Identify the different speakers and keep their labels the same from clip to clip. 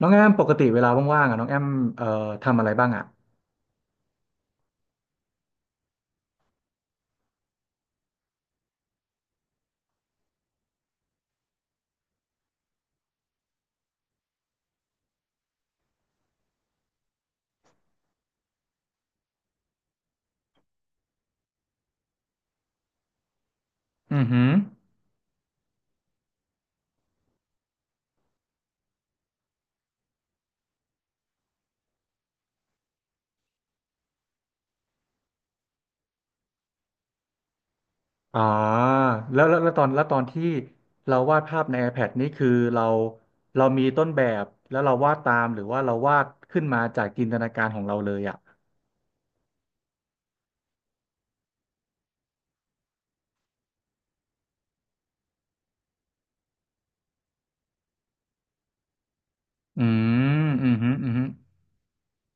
Speaker 1: น้องแอมปกติเวลาว่างๆอ่ะน้องแอมเอ่อทำอะไรบ้างอ่ะอือหืออ๋อแล้วแล้วแล้วตอนแล้วตอนที่เราวาดภาพใน iPad นี่คือเรามีต้นแบบแล้วเราวาดตามหรือว่าเราวาดขึ้นมาจากจินตนาการของเราเลยอ่ะอืมอืมอหืมออืมอหือ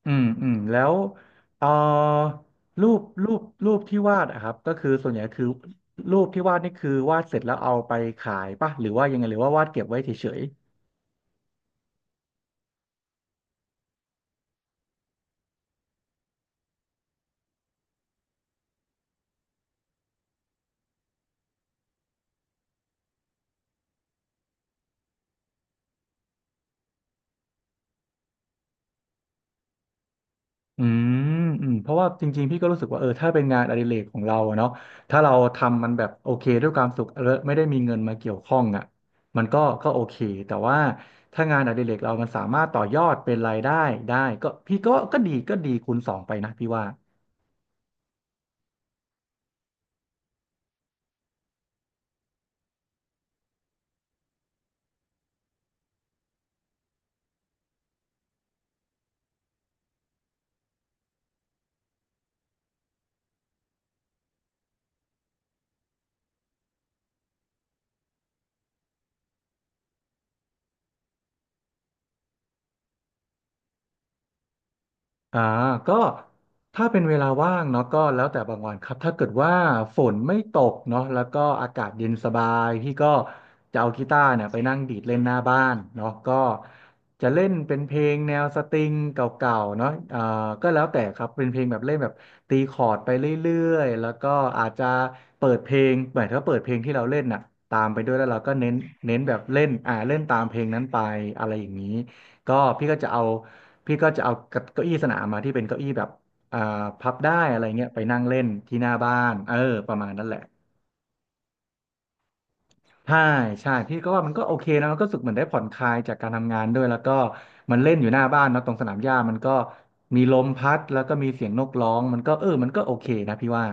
Speaker 1: อืมอืมแล้วเอ่อรูปรูปรูปที่วาดอะครับก็คือส่วนใหญ่คือรูปที่วาดนี่คือวาดเสร็จแล้วเอาไปขายป่ะหรือว่ายังไงหรือว่าวาดเก็บไว้เฉย อืมอืมเพราะว่าจริงๆพี่ก็รู้สึกว่าเออถ้าเป็นงานอดิเรกของเราอะเนาะถ้าเราทำมันแบบโอเคด้วยความสุขแล้วไม่ได้มีเงินมาเกี่ยวข้องอ่ะมันก็โอเคแต่ว่าถ้างานอดิเรกเรามันสามารถต่อยอดเป็นรายได้ได้ก็พี่ก็ดีก็ดีคูณสองไปนะพี่ว่า อ่าก็ถ้าเป็นเวลาว่างเนาะก็แล้วแต่บางวันครับถ้าเกิดว่าฝนไม่ตกเนาะแล้วก็อากาศเย็นสบายพี่ก็จะเอากีตาร์เนี่ยไปนั่งดีดเล่นหน้าบ้านเนาะก็จะเล่นเป็นเพลงแนวสตริงเก่าๆเนาะอ่าก็แล้วแต่ครับเป็นเพลงแบบเล่นแบบตีคอร์ดไปเรื่อยๆแล้วก็อาจจะเปิดเพลงเหมือนถ้าเปิดเพลงที่เราเล่นน่ะตามไปด้วยแล้วเราก็เน้นแบบเล่นอ่าเล่นตามเพลงนั้นไปอะไรอย่างนี้ก็พี่ก็จะเอา พี่ก็จะเอาเก้าอี้สนามมาที่เป็นเก้าอี้แบบอ่าพับได้อะไรเงี้ยไปนั่งเล่นที่หน้าบ้านเออประมาณนั้นแหละใช่ใช่พี่ก็ว่ามันก็โอเคนะมันก็รู้สึกเหมือนได้ผ่อนคลายจากการทำงานด้วยแล้วก็มันเล่นอยู่หน้าบ้านเนอะตรงสนามหญ้ามันก็มีลมพัดแล้วก็มีเสียงนกร้องมันก็เออมันก็โอเคนะพี่ว่า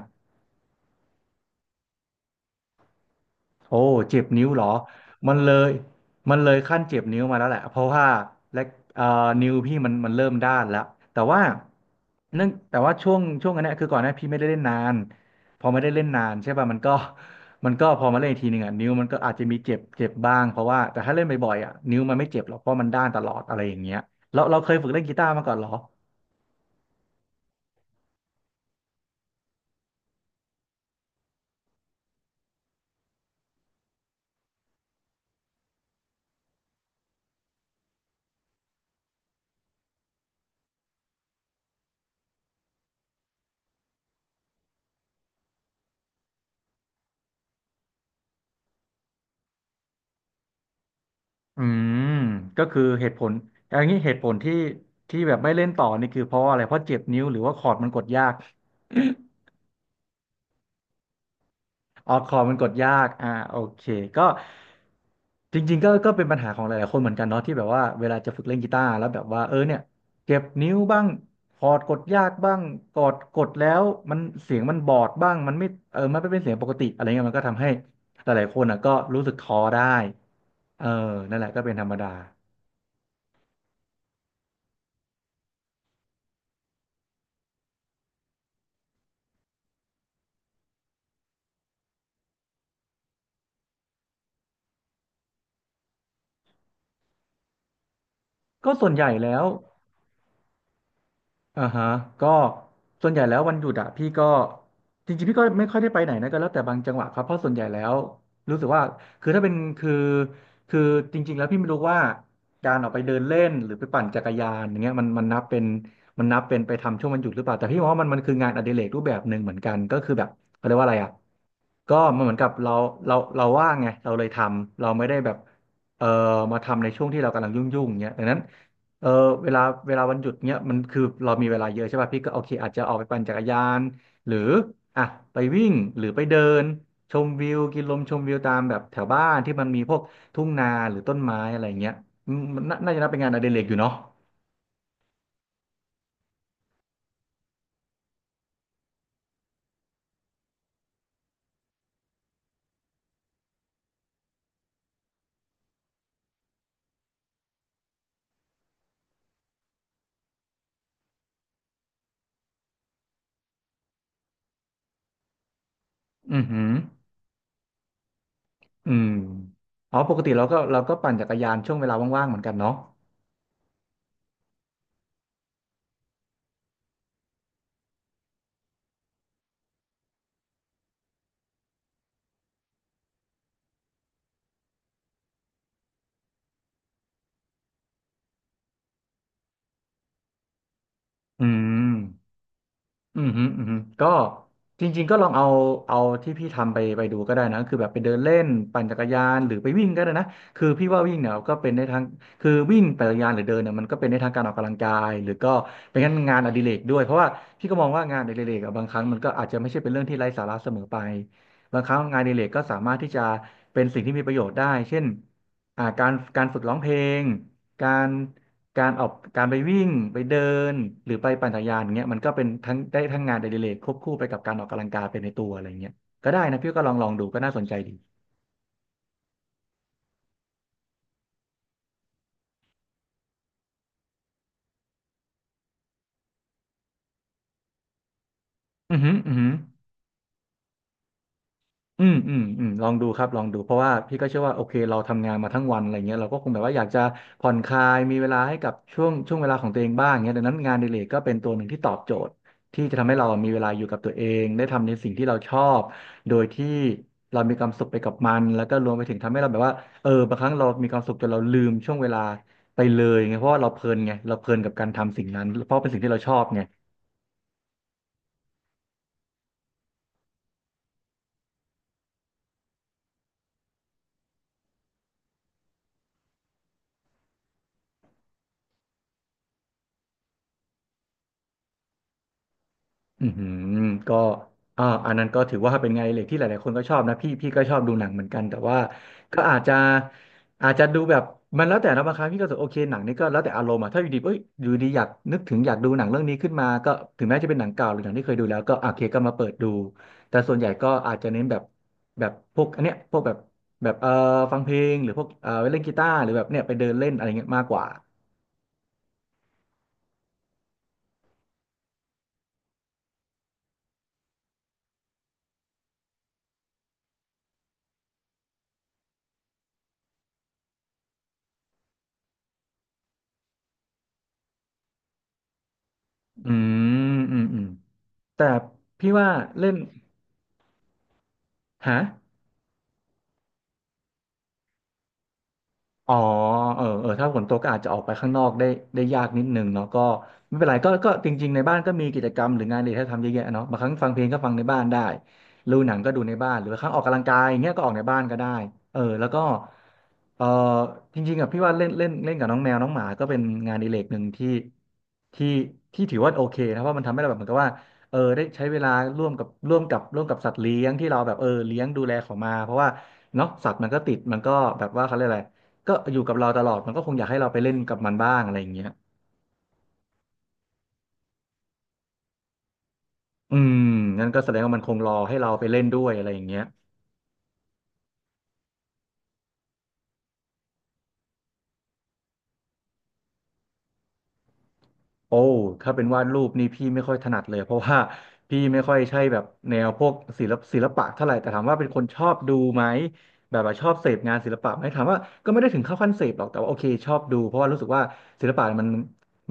Speaker 1: โอ้เจ็บนิ้วเหรอ มันเลยมันเลยขั้นเจ็บนิ้วมาแล้วแหละเพราะว่าและเอ่อนิ้วพี่มันเริ่มด้านแล้วแต่ว่าเนื่องแต่ว่าช่วงนั้นเนี่ยคือก่อนหน้าพี่ไม่ได้เล่นนานพอไม่ได้เล่นนานใช่ป่ะมันก็ มันก็พอมาเล่นอีกทีหนึ่งอ่ะนิ้วมันก็อาจจะมีเจ็บเจ็บบ้างเพราะว่าแต่ถ้าเล่นบ่อยๆอ่ะนิ้วมันไม่เจ็บหรอกเพราะมันด้านตลอดอะไรอย่างเงี้ยเราเคยฝึกเล่นกีตาร์มาก่อนเหรอ อืมก็คือเหตุผลอย่างนี้เหตุผลที่แบบไม่เล่นต่อนี่คือเพราะอะไรเพราะเจ็บนิ้วหรือว่าคอร์ดมันกดยาก ออกคอร์ดมันกดยากอ่าโอเคก็จริงๆก็เป็นปัญหาของหลายๆคนเหมือนกันเนาะที่แบบว่าเวลาจะฝึกเล่นกีตาร์แล้วแบบว่าเออเนี่ยเจ็บนิ้วบ้างคอร์ดกดยากบ้างกดแล้วมันเสียงมันบอดบ้างมันไม่เออมันไม่เป็นเสียงปกติอะไรเงี้ยมันก็ทำให้หลายๆคนอ่ะก็รู้สึกท้อได้เออนั่นแหละก็เป็นธรรมดาก็ส่วนใหญ่แล้ว อ่าฮะก็ส่วนใหญ่แล้ววันหยุดอะพี่ก็จริงๆพี่ก็ไม่ค่อยได้ไปไหนนะก็แล้วแต่บางจังหวะครับเพราะส่วนใหญ่แล้วรู้สึกว่าคือถ้าเป็นคือจริงๆแล้วพี่ไม่รู้ว่าการออกไปเดินเล่นหรือไปปั่นจักรยานอย่างเงี้ยมันนับเป็นมันนับเป็นไปทำช่วงวันหยุดหรือเปล่าแต่พี่มองว่ามันคืองานอดิเรกรูปแบบหนึ่งเหมือนกันก็คือแบบเขาเรียกว่าอะไรอะก็มันเหมือนกับเราเราว่างไงเราเลยทำเราไม่ได้แบบเอ่อมาทำในช่วงที่เรากำลังยุ่งๆอย่างเงี้ยดังนั้น เออเวลาเวลาวันหยุดเนี้ยมันคือเรามีเวลาเยอะใช่ป่ะพี่ก็โอเคอาจจะออกไปปั่นจักรยานหรืออ่ะไปวิ่งหรือไปเดินชมวิวกินลมชมวิวตามแบบแถวบ้านที่มันมีพวกทุ่งนาหรือต้นไม้อะไรเงี้ยอืมมันน่าจะนับเป็นงานอดิเรกอยู่เนาะอือหืออืมอ๋อปกติเราก็ปั่นจักรยานช่วงเวลาว่างๆเหมือนกันเนาะอืม อืมฮึอืมฮึก็จริงๆก็ลองเอาเอาที่พี่ทำไปไปดูก็ได้นะคือแบบไปเดินเล่นปั่นจักรยานหรือไปวิ่งก็ได้นะคือพี่ว่าวิ่งเนี่ยก็เป็นได้ทั้งคือวิ่งปั่นจักรยานหรือเดินเนี่ยมันก็เป็นได้ทั้งการออกกำลังกายหรือก็เป็นงานอดิเรกด้วยเพราะว่าพี่ก็มองว่างานอดิเรกอะบางครั้งมันก็อาจจะไม่ใช่เป็นเรื่องที่ไร้สาระเสมอไปบางครั้งงานอดิเรกก็สามารถที่จะเป็นสิ่งที่มีประโยชน์ได้เช่นการฝึกร้องเพลงการ การออกการไปวิ่งไปเดินหรือไปปั่นจักรยานอย่างเงี้ยมันก็เป็นทั้งได้ทั้งงานอดิเรกควบคู่ไปกับการออกกำลังกายไปในตัวอะไรเงี้ยก็ได้นะพี่ก็ลองดูก็น่าสนใจดีอือหืออือหือ อืมอืมอืมลองดูครับลองดูเพราะว่าพี่ก็เชื่อว่าโอเคเราทำงานมาทั้งวันอะไรเงี้ยเราก็คงแบบว่าอยากจะผ่อนคลายมีเวลาให้กับช่วงเวลาของตัวเองบ้างเงี้ยดังนั้นงานอดิเรกก็เป็นตัวหนึ่งที่ตอบโจทย์ที่จะทำให้เรามีเวลาอยู่กับตัวเองได้ทำในสิ่งที่เราชอบโดยที่เรามีความสุขไปกับมันแล้วก็รวมไปถึงทำให้เราแบบว่าเออบางครั้งเรามีความสุขจนเราลืมช่วงเวลาไปเลยไงเพราะว่าเราเพลินไงเราเพลินกับการทำสิ่งนั้นเพราะเป็นสิ่งที่เราชอบไง อือหือก็อันนั้นก็ถือว่าเป็นงานอดิเล็กที่หลายๆคนก็ชอบนะพี่พี่ก็ชอบดูหนังเหมือนกันแต่ว่าก็อาจจะอาจจะดูแบบมันแล้วแต่นะบางครั้งพี่ก็รู้สึกโอเคหนังนี่ก็แล้วแต่อารมณ์อะถ้าอยู่ดีอยากนึกถึงอยากดูหนังเรื่องนี้ขึ้นมาก็ถึงแม้จะเป็นหนังเก่าหรือหนังที่เคยดูแล้วก็อ่ะโอเคก็มาเปิดดูแต่ส่วนใหญ่ก็อาจจะเน้นแบบแบบพวกอันเนี้ยพวกแบบแบบฟังเพลงหรือพวกเล่นกีตาร์หรือแบบเนี่ยไปเดินเล่นอะไรเงี้ยมากกว่าอืมอืมอืมแต่พี่ว่าเล่นฮะ อ๋อเออเออถ้าฝนตกก็อาจจะออกไปข้างนอกได้ได้ยากนิดนึงเนาะก็ไม่เป็นไรก็ก็จริงๆ ในบ้านก็มีกิจกรรมหรืองานอดิเรกให้ทำเยอะแยะเนาะบางครั้งฟังเพลงก็ฟังในบ้านได้ดูหนังก็ดูในบ้าน หรือบางครั้งออกกำลังกายอย่างเงี้ยก็ออกในบ้านก็ได้เออแล้วก็เออจริงๆอ่ะพี่ว่าเล่นเล่นเล่นกับน้องแมวน้องหมาก็เป็นงานอดิเรกหนึ่งที่ที่ที่ถือว่าโอเคนะเพราะมันทำให้เราแบบเหมือนกับว่าเออได้ใช้เวลาร่วมกับร่วมกับสัตว์เลี้ยงที่เราแบบเออเลี้ยงดูแลเขามาเพราะว่าเนาะสัตว์มันก็ติดมันก็แบบว่าเขาเรียกอะไร ก็อยู่กับเราตลอดมันก็คงอยากให้เราไปเล่นกับมันบ้างอะไรอย่างเงี้ยอืมงั้นก็แสดงว่ามันคงรอให้เราไปเล่นด้วยอะไรอย่างเงี้ย โอ้ถ้าเป็นวาดรูปนี่พี่ไม่ค่อยถนัดเลยเพราะว่าพี่ไม่ค่อยใช่แบบแนวพวกศิลปะเท่าไหร่แต่ถามว่าเป็นคนชอบดูไหมแบบว่าชอบเสพงานศิลปะไหมถามว่าก็ไม่ได้ถึงเข้าขั้นเสพหรอกแต่ว่าโอเคชอบดูเพราะว่ารู้สึกว่าศิลปะมัน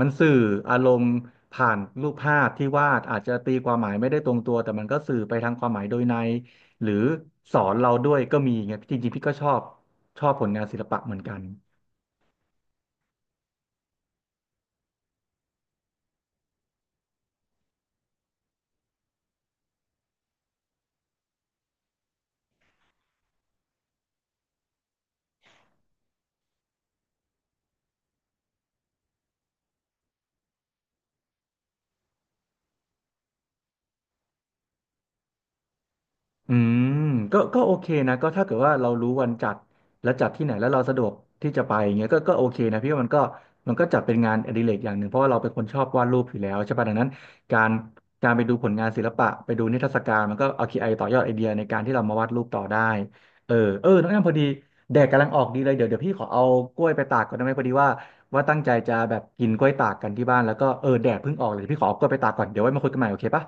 Speaker 1: มันสื่ออารมณ์ผ่านรูปภาพที่วาดอาจจะตีความหมายไม่ได้ตรงตัวแต่มันก็สื่อไปทางความหมายโดยในหรือสอนเราด้วยก็มีไงจริงๆพี่ก็ชอบชอบผลงานศิลปะเหมือนกัน อืมก็ก็โอเคนะก็ถ้าเกิดว่าเรารู้วันจัดและจัดที่ไหนแล้วเราสะดวกที่จะไปอย่างเงี้ยก็ก็โอเคนะพี่ว่ามันก็มันก็จัดเป็นงานอดิเรกอย่างหนึ่งเพราะว่าเราเป็นคนชอบวาดรูปอยู่แล้วใช่ป่ะดังนั้นการการไปดูผลงานศิลปะไปดูนิทรรศการมันก็เอาคีไอต่อยอดไอเดียในการที่เรามาวาดรูปต่อได้เออเออน้องแอมพอดีแดดกำลังออกดีเลยเดี๋ยวเดี๋ยวพี่ขอเอากล้วยไปตากก่อนได้ไหมพอดีว่าว่าตั้งใจจะแบบกินกล้วยตากกันที่บ้านแล้วก็เออแดดเพิ่งออกเลยเดี๋ยวพี่ขอเอากล้วยไปตากก่อนเดี๋ยวไว้มาคุยกันใหม่โอเคป่ะ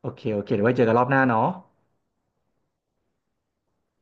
Speaker 1: โอเคโอเคเดี๋ยวไว้เจอกันรอบหน้าเนาะ